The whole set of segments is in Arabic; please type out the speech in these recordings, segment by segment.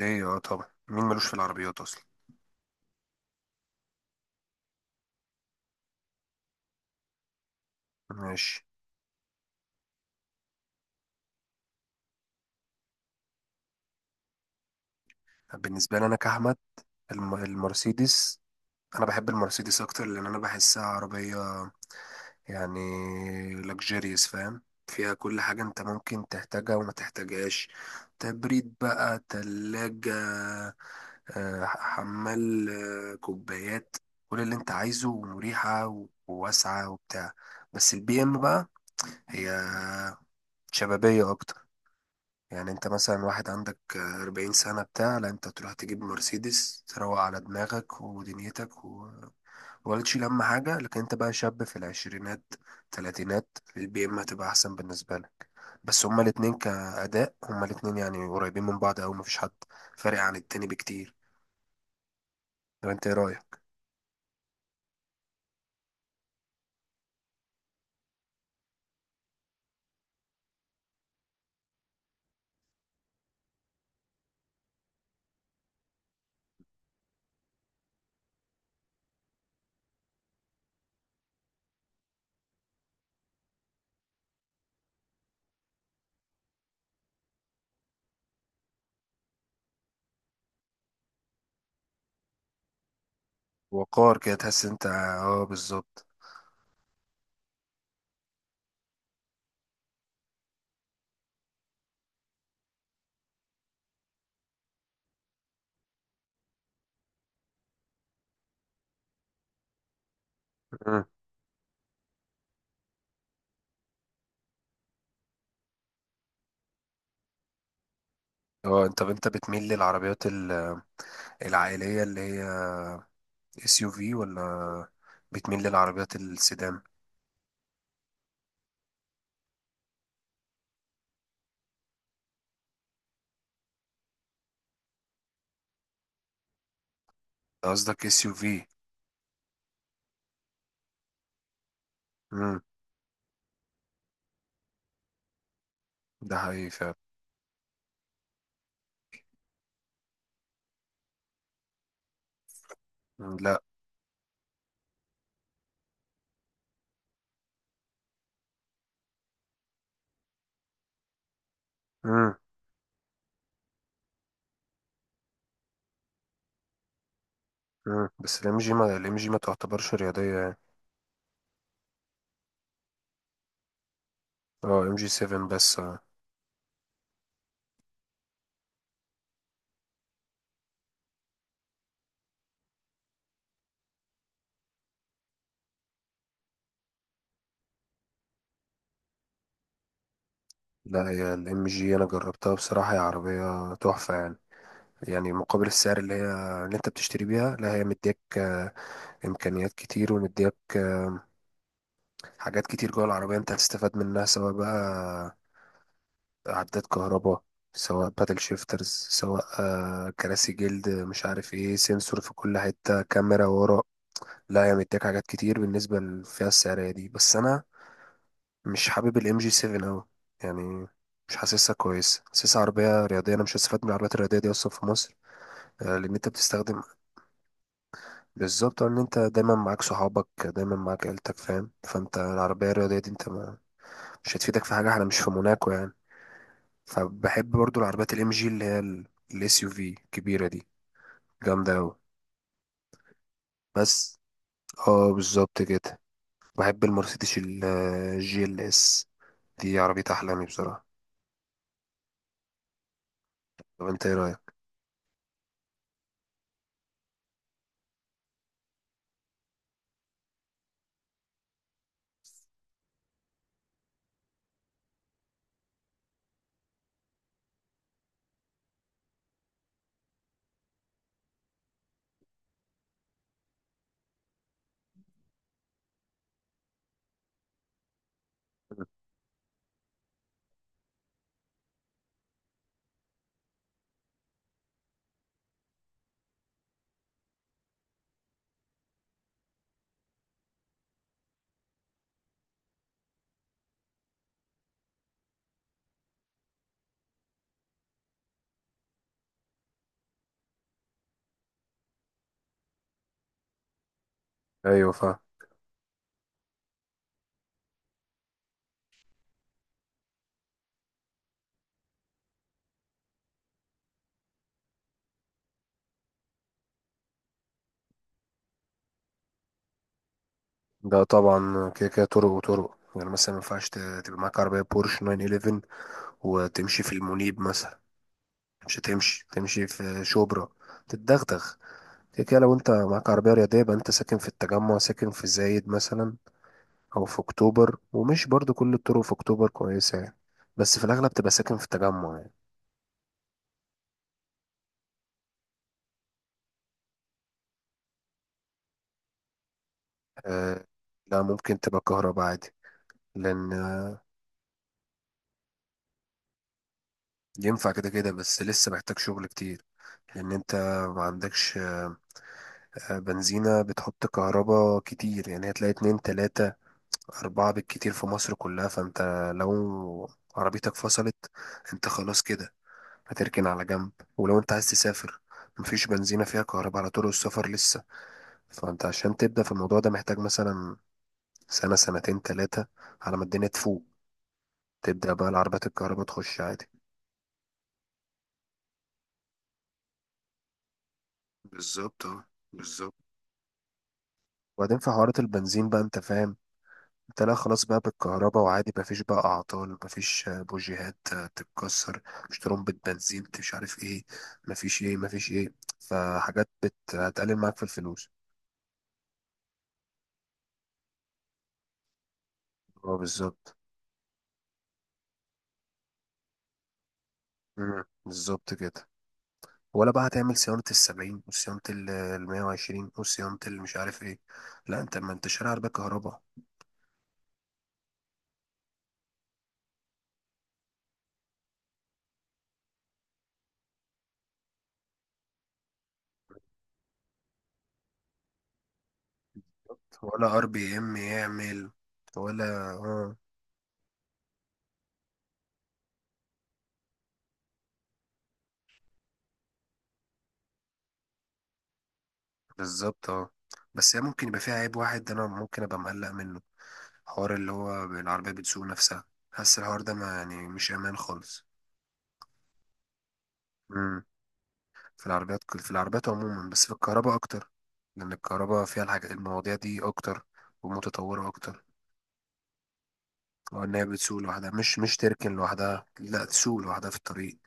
ليه، طبعا مين ملوش في العربيات اصلا. ماشي. بالنسبه لي انا كاحمد، المرسيدس، انا بحب المرسيدس اكتر لان انا بحسها عربيه، يعني لكجيريوس، فاهم؟ فيها كل حاجه انت ممكن تحتاجها وما تحتاجهاش. تبريد بقى، تلاجة، حمال، كوبايات، كل اللي انت عايزه ومريحه وواسعه وبتاع. بس البي ام بقى، هي شبابيه اكتر. يعني انت مثلا واحد عندك أربعين سنة بتاع، لا انت تروح تجيب مرسيدس تروق على دماغك ودنيتك ولا تشيل هم حاجة. لكن انت بقى شاب في العشرينات، تلاتينات، البي ام هتبقى أحسن بالنسبة لك. بس هما الاتنين كأداء، هما الاتنين يعني قريبين من بعض أوي، مفيش حد فارق عن التاني بكتير. طب انت ايه رأيك؟ وقار كده، تحس انت، اه بالظبط. مم. اه، انت بتميل للعربيات العائلية اللي هي اس يو في، ولا بتميل للعربيات السيدان؟ قصدك اس يو في. امم. ده حقيقي فعلا. مم، لا. امم. امم، بس الام جي ما تعتبرش رياضيه يعني. اه، ام جي 7 بس. لا، هي الام جي انا جربتها بصراحه، هي عربيه تحفه يعني. يعني مقابل السعر اللي انت بتشتري بيها، لا هي مديك امكانيات كتير، ومديك حاجات كتير جوه العربيه انت هتستفاد منها، سواء بقى عداد كهرباء، سواء باتل شيفترز، سواء كراسي جلد، مش عارف ايه، سنسور في كل حتة، كاميرا ورا. لا هي مديك حاجات كتير بالنسبة للفئة السعرية دي، بس أنا مش حابب الام جي 7 أوي، يعني مش حاسسها كويس، حاسسها عربية رياضية، أنا مش هستفاد من العربيات الرياضية دي أصلا في مصر. لأن أنت بتستخدم، بالظبط إن أنت دايما معاك صحابك، دايما معاك عيلتك، فاهم؟ فأنت العربية الرياضية دي، أنت ما، مش هتفيدك في حاجة، احنا مش في موناكو يعني. فبحب برضو العربيات الام جي اللي هي الاس يو في الكبيره دي، جامده قوي. بس، اه بالظبط كده. بحب المرسيدس الجي ال اس، دي عربية أحلامي بصراحة. طب أنت إيه رأيك؟ أيوة، فا. ده طبعا، كده كده طرق وطرق، يعني مثلا ما ينفعش تبقى معاك عربية بورش 911 وتمشي في المنيب مثلا. مش هتمشي، تمشي في شبرا، تتدغدغ. كده كده، لو أنت معاك عربية رياضية يبقى أنت ساكن في التجمع، ساكن في زايد مثلا، او في اكتوبر، ومش برضو كل الطرق في اكتوبر كويسة يعني. بس في الاغلب تبقى ساكن في التجمع يعني. أه، لا ممكن تبقى كهرباء عادي، لان ينفع كده كده، بس لسه محتاج شغل كتير. لان انت ما عندكش بنزينة بتحط كهرباء كتير، يعني هتلاقي اتنين، تلاتة، اربعة بالكتير في مصر كلها. فانت لو عربيتك فصلت، انت خلاص كده هتركن على جنب. ولو انت عايز تسافر، مفيش بنزينة فيها كهرباء على طرق السفر لسه. فانت عشان تبدأ في الموضوع ده محتاج مثلا سنة، سنتين، تلاتة، على ما الدنيا تفوق تبدأ بقى العربيات الكهرباء تخش عادي. بالظبط اه، بالظبط. وبعدين في حوارات البنزين بقى، انت فاهم، انت لا، خلاص بقى بالكهرباء، وعادي مفيش بقى اعطال، مفيش بوجيهات تتكسر، مش ترمبة بنزين، مش عارف ايه، مفيش ايه، مفيش ايه. فحاجات هتقلل معاك في الفلوس. اه بالظبط. مم، بالظبط كده. ولا بقى هتعمل صيانة السبعين، وصيانة المية وعشرين، وصيانة مش عارف ايه. لا، انت ما انت شارع عربية كهرباء. ولا ار بي ام يعمل. ولا. اه. بالظبط اه. بس هي ممكن يبقى فيها عيب واحد، انا ممكن ابقى مقلق منه، حوار اللي هو العربية بتسوق نفسها، حاسس الحوار ده، ما يعني مش امان خالص. امم. في العربيات عموما، بس في الكهرباء اكتر، لان الكهرباء فيها الحاجات، المواضيع دي اكتر، ومتطورة اكتر. اه، ان هي بتسوق لوحدها، مش تركن لوحدها، لا تسوق لوحدها في الطريق.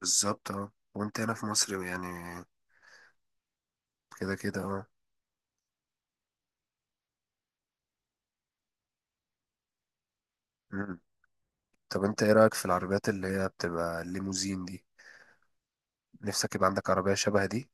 بالظبط اه، وانت هنا في مصر يعني، كده كده اه. مم. طب انت ايه رأيك في العربيات اللي هي بتبقى الليموزين دي؟ نفسك يبقى عندك عربية شبه دي؟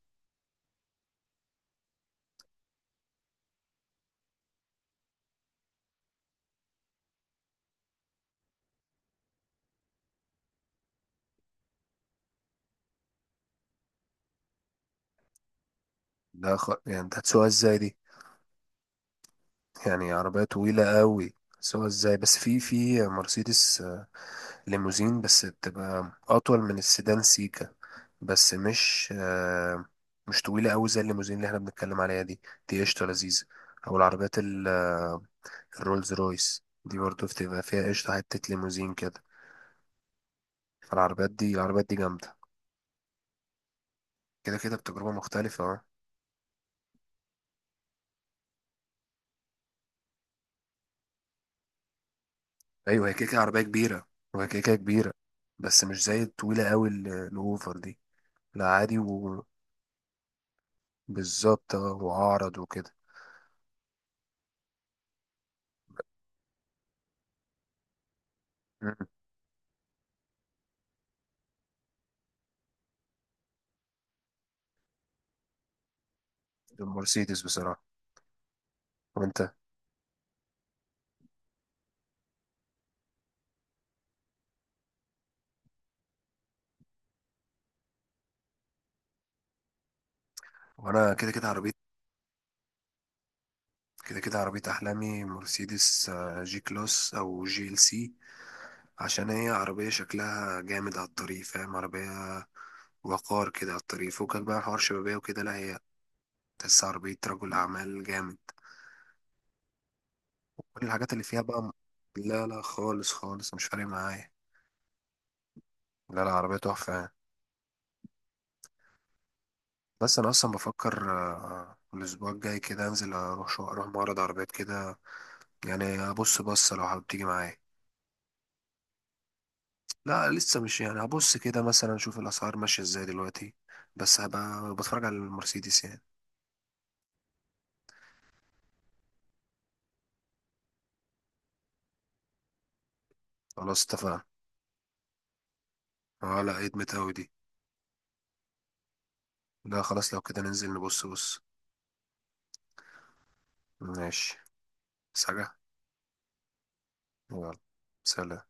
ده يعني انت هتسوقها ازاي دي؟ يعني عربية طويلة قوي هتسوقها ازاي؟ بس في مرسيدس ليموزين، بس بتبقى اطول من السيدان سيكا، بس مش مش طويلة قوي زي الليموزين اللي احنا بنتكلم عليها دي. دي قشطة لذيذة. او العربيات الرولز رويس دي برضه بتبقى فيها قشطة، حتة ليموزين كده. فالعربيات دي جامدة، كده كده بتجربة مختلفة، اه. أيوة هي كده كده عربية كبيرة، وهي كده كده كبيرة. بس مش زي الطويلة أوي الأوفر دي، لا عادي. وبالظبط اه، وأعرض وكده. مم. المرسيدس بصراحة. وأنت. وأنا كده كده عربيتي، كده كده عربية أحلامي مرسيدس، جي كلاس أو جي ال سي، عشان هي عربية شكلها جامد على الطريق، فاهم؟ عربية وقار كده، على الطريق فوقك بقى حوار شبابية وكده، لا هي تحس عربية رجل أعمال جامد، كل الحاجات اللي فيها بقى. لا لا، خالص خالص مش فارق معايا. لا لا، عربية تحفة يعني. بس أنا أصلا بفكر الأسبوع الجاي كده أنزل، أروح معرض عربيات كده، يعني أبص بصة، لو حابب تيجي معايا. لا لسه، مش يعني هبص كده مثلا اشوف الاسعار ماشيه ازاي دلوقتي، بس هبقى بتفرج على المرسيدس يعني. خلاص اتفقنا. اه لا، ادمت اوي دي. لا خلاص، لو كده ننزل نبص بص. ماشي. بس حاجه. يلا. سلام.